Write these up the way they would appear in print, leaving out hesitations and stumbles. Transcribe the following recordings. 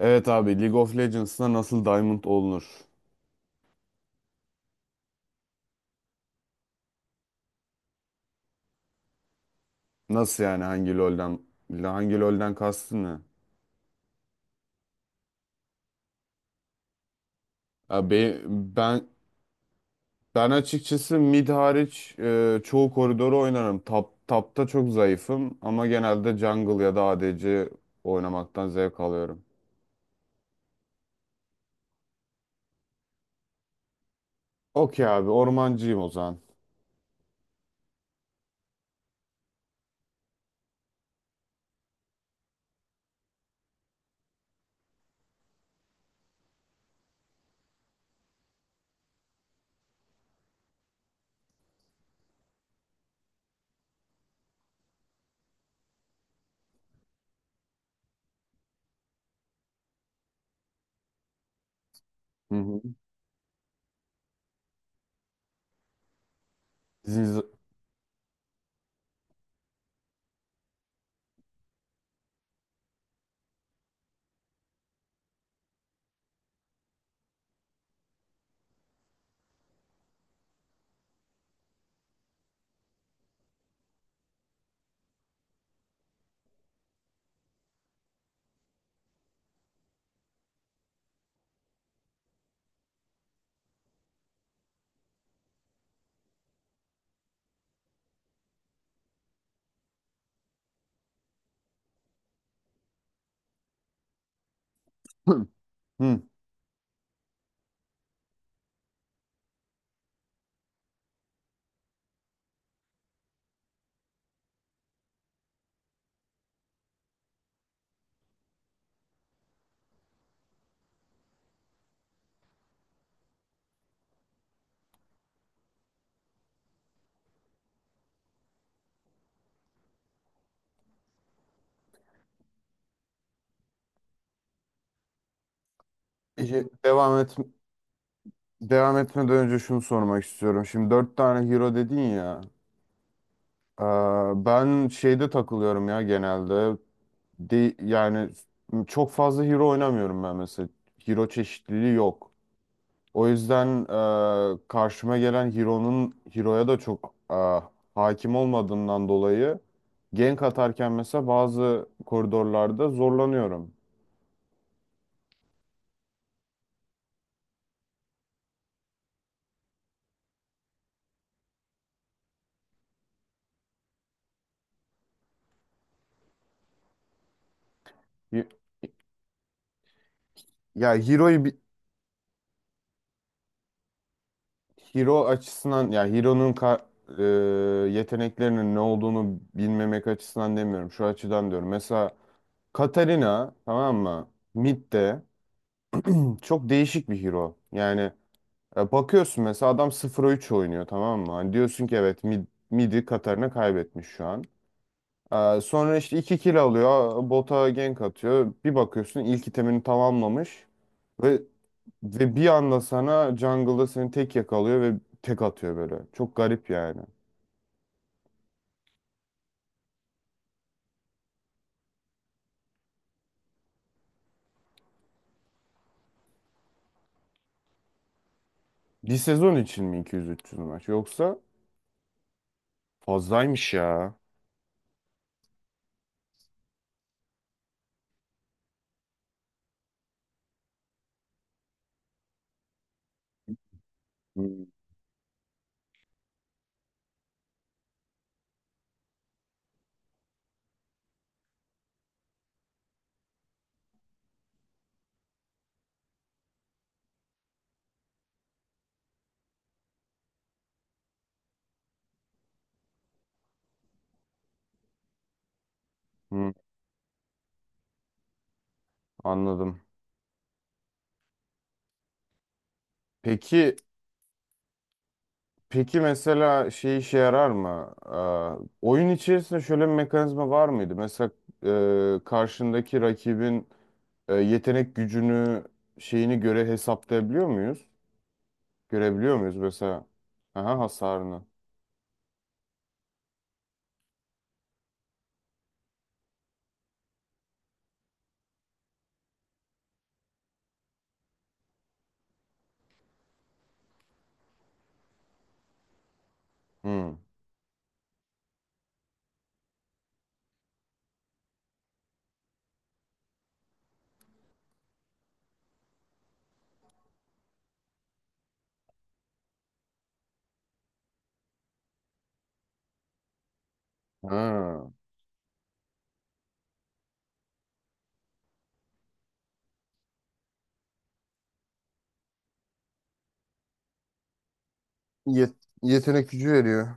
Evet abi League of Legends'da nasıl Diamond olunur? Nasıl yani hangi LoL'den kastın ne? Ya be- ben ben açıkçası mid hariç çoğu koridoru oynarım. Top'ta çok zayıfım ama genelde jungle ya da ADC oynamaktan zevk alıyorum. Okey abi ormancıyım o zaman. Hı hı. Ziz- Hı. Peki, devam etmeden önce şunu sormak istiyorum. Şimdi dört tane hero dedin ya. Ee, Ben şeyde takılıyorum ya genelde. Yani çok fazla hero oynamıyorum ben mesela. Hero çeşitliliği yok. O yüzden karşıma gelen hero'ya da çok hakim olmadığından dolayı gank atarken mesela bazı koridorlarda zorlanıyorum. Y- Ya hero'yu bi- Hero açısından, yeteneklerinin ne olduğunu bilmemek açısından demiyorum. Şu açıdan diyorum. Mesela Katarina, tamam mı? Mid'de çok değişik bir hero. Yani bakıyorsun mesela adam 0 üç oynuyor, tamam mı? Hani diyorsun ki evet mid'i Katarina kaybetmiş şu an. Sonra işte 2 kill alıyor. Bota gank atıyor. Bir bakıyorsun ilk itemini tamamlamış. Ve ve bir anda sana jungle'da seni tek yakalıyor ve tek atıyor böyle. Çok garip yani. Bir sezon için mi 200-300 maç, yoksa fazlaymış ya. Hmm. Hı, anladım. Peki peki mesela şey işe yarar mı? Oyun içerisinde şöyle bir mekanizma var mıydı? Mesela karşındaki rakibin yetenek gücünü, şeyini göre hesaplayabiliyor muyuz? Görebiliyor muyuz mesela? Aha, hasarını. Hmm. Ha. Yet- Yetenek gücü veriyor.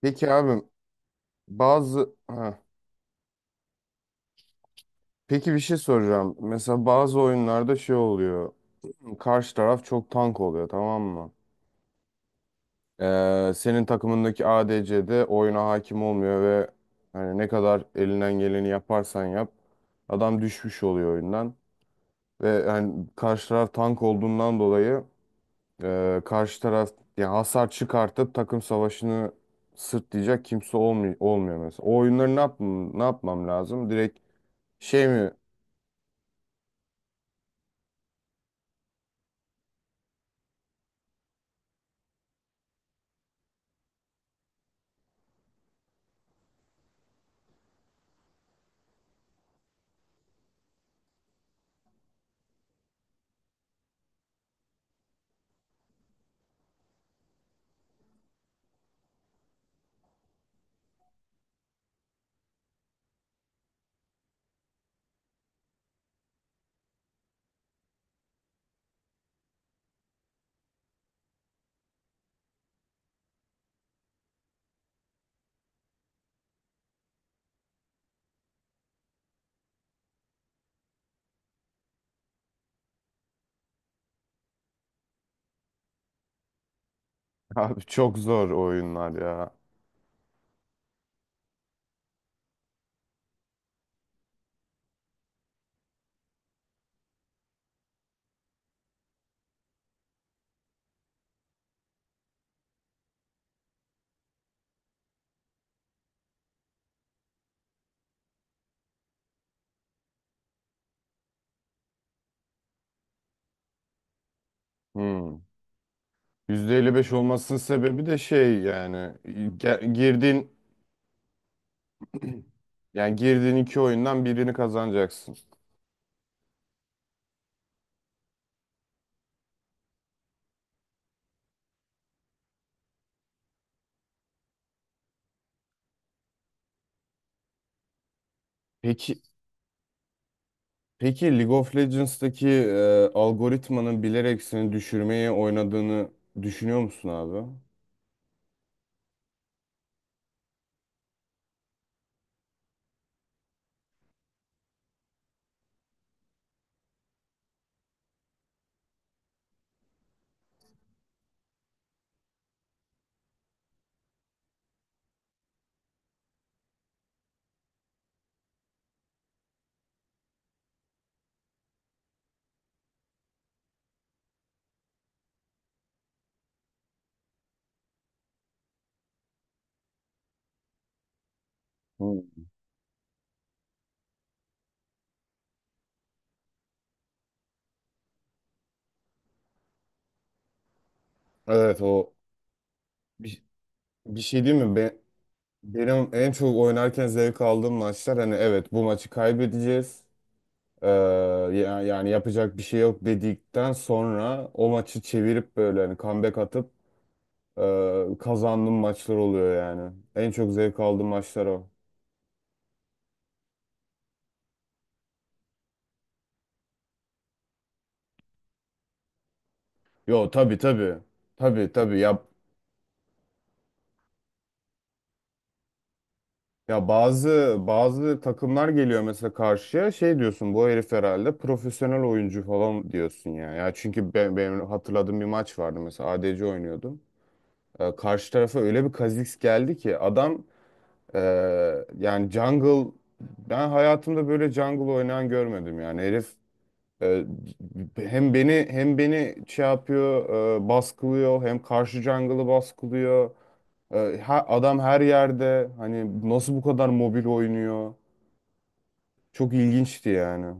Peki abim. Bazı ha. Peki bir şey soracağım. Mesela bazı oyunlarda şey oluyor. Karşı taraf çok tank oluyor, tamam mı? Senin takımındaki A D C de oyuna hakim olmuyor ve hani ne kadar elinden geleni yaparsan yap, adam düşmüş oluyor oyundan. Ve yani karşı taraf tank olduğundan dolayı e, karşı taraf yani hasar çıkartıp takım savaşını sırtlayacak olmuyor mesela. O oyunları ne yapmam lazım? Direkt şey mi? Abi, çok zor oyunlar ya. Hmm. %55 olmasının sebebi de şey, yani girdiğin yani girdiğin iki oyundan birini kazanacaksın. Peki Peki, League of Legends'taki algoritmanın bilerek seni düşürmeye oynadığını düşünüyor musun abi? Hmm. Evet, o bir, bir şey değil mi? Benim en çok oynarken zevk aldığım maçlar, hani evet bu maçı kaybedeceğiz. Ee, Yani yapacak bir şey yok dedikten sonra o maçı çevirip böyle hani comeback atıp kazandığım maçlar oluyor yani. En çok zevk aldığım maçlar o. Yo tabii tabii. Tabii tabii ya. Ya bazı takımlar geliyor mesela karşıya, şey diyorsun, bu herif herhalde profesyonel oyuncu falan diyorsun ya. Ya çünkü benim hatırladığım bir maç vardı mesela, ADC oynuyordum. Karşı tarafa öyle bir Kha'Zix geldi ki adam e, jungle, ben hayatımda böyle jungle oynayan görmedim yani. Herif e, hem beni şey yapıyor, baskılıyor, hem karşı jungle'ı baskılıyor. Adam her yerde, hani nasıl bu kadar mobil oynuyor? Çok ilginçti yani.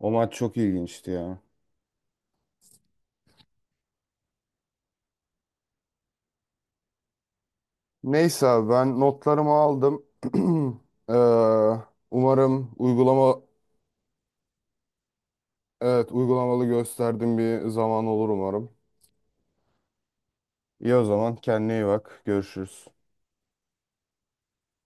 O maç çok ilginçti ya. Neyse abi, ben notlarımı aldım. Ee, umarım uygulama evet, uygulamalı gösterdiğim bir zaman olur umarım. İyi, o zaman kendine iyi bak. Görüşürüz.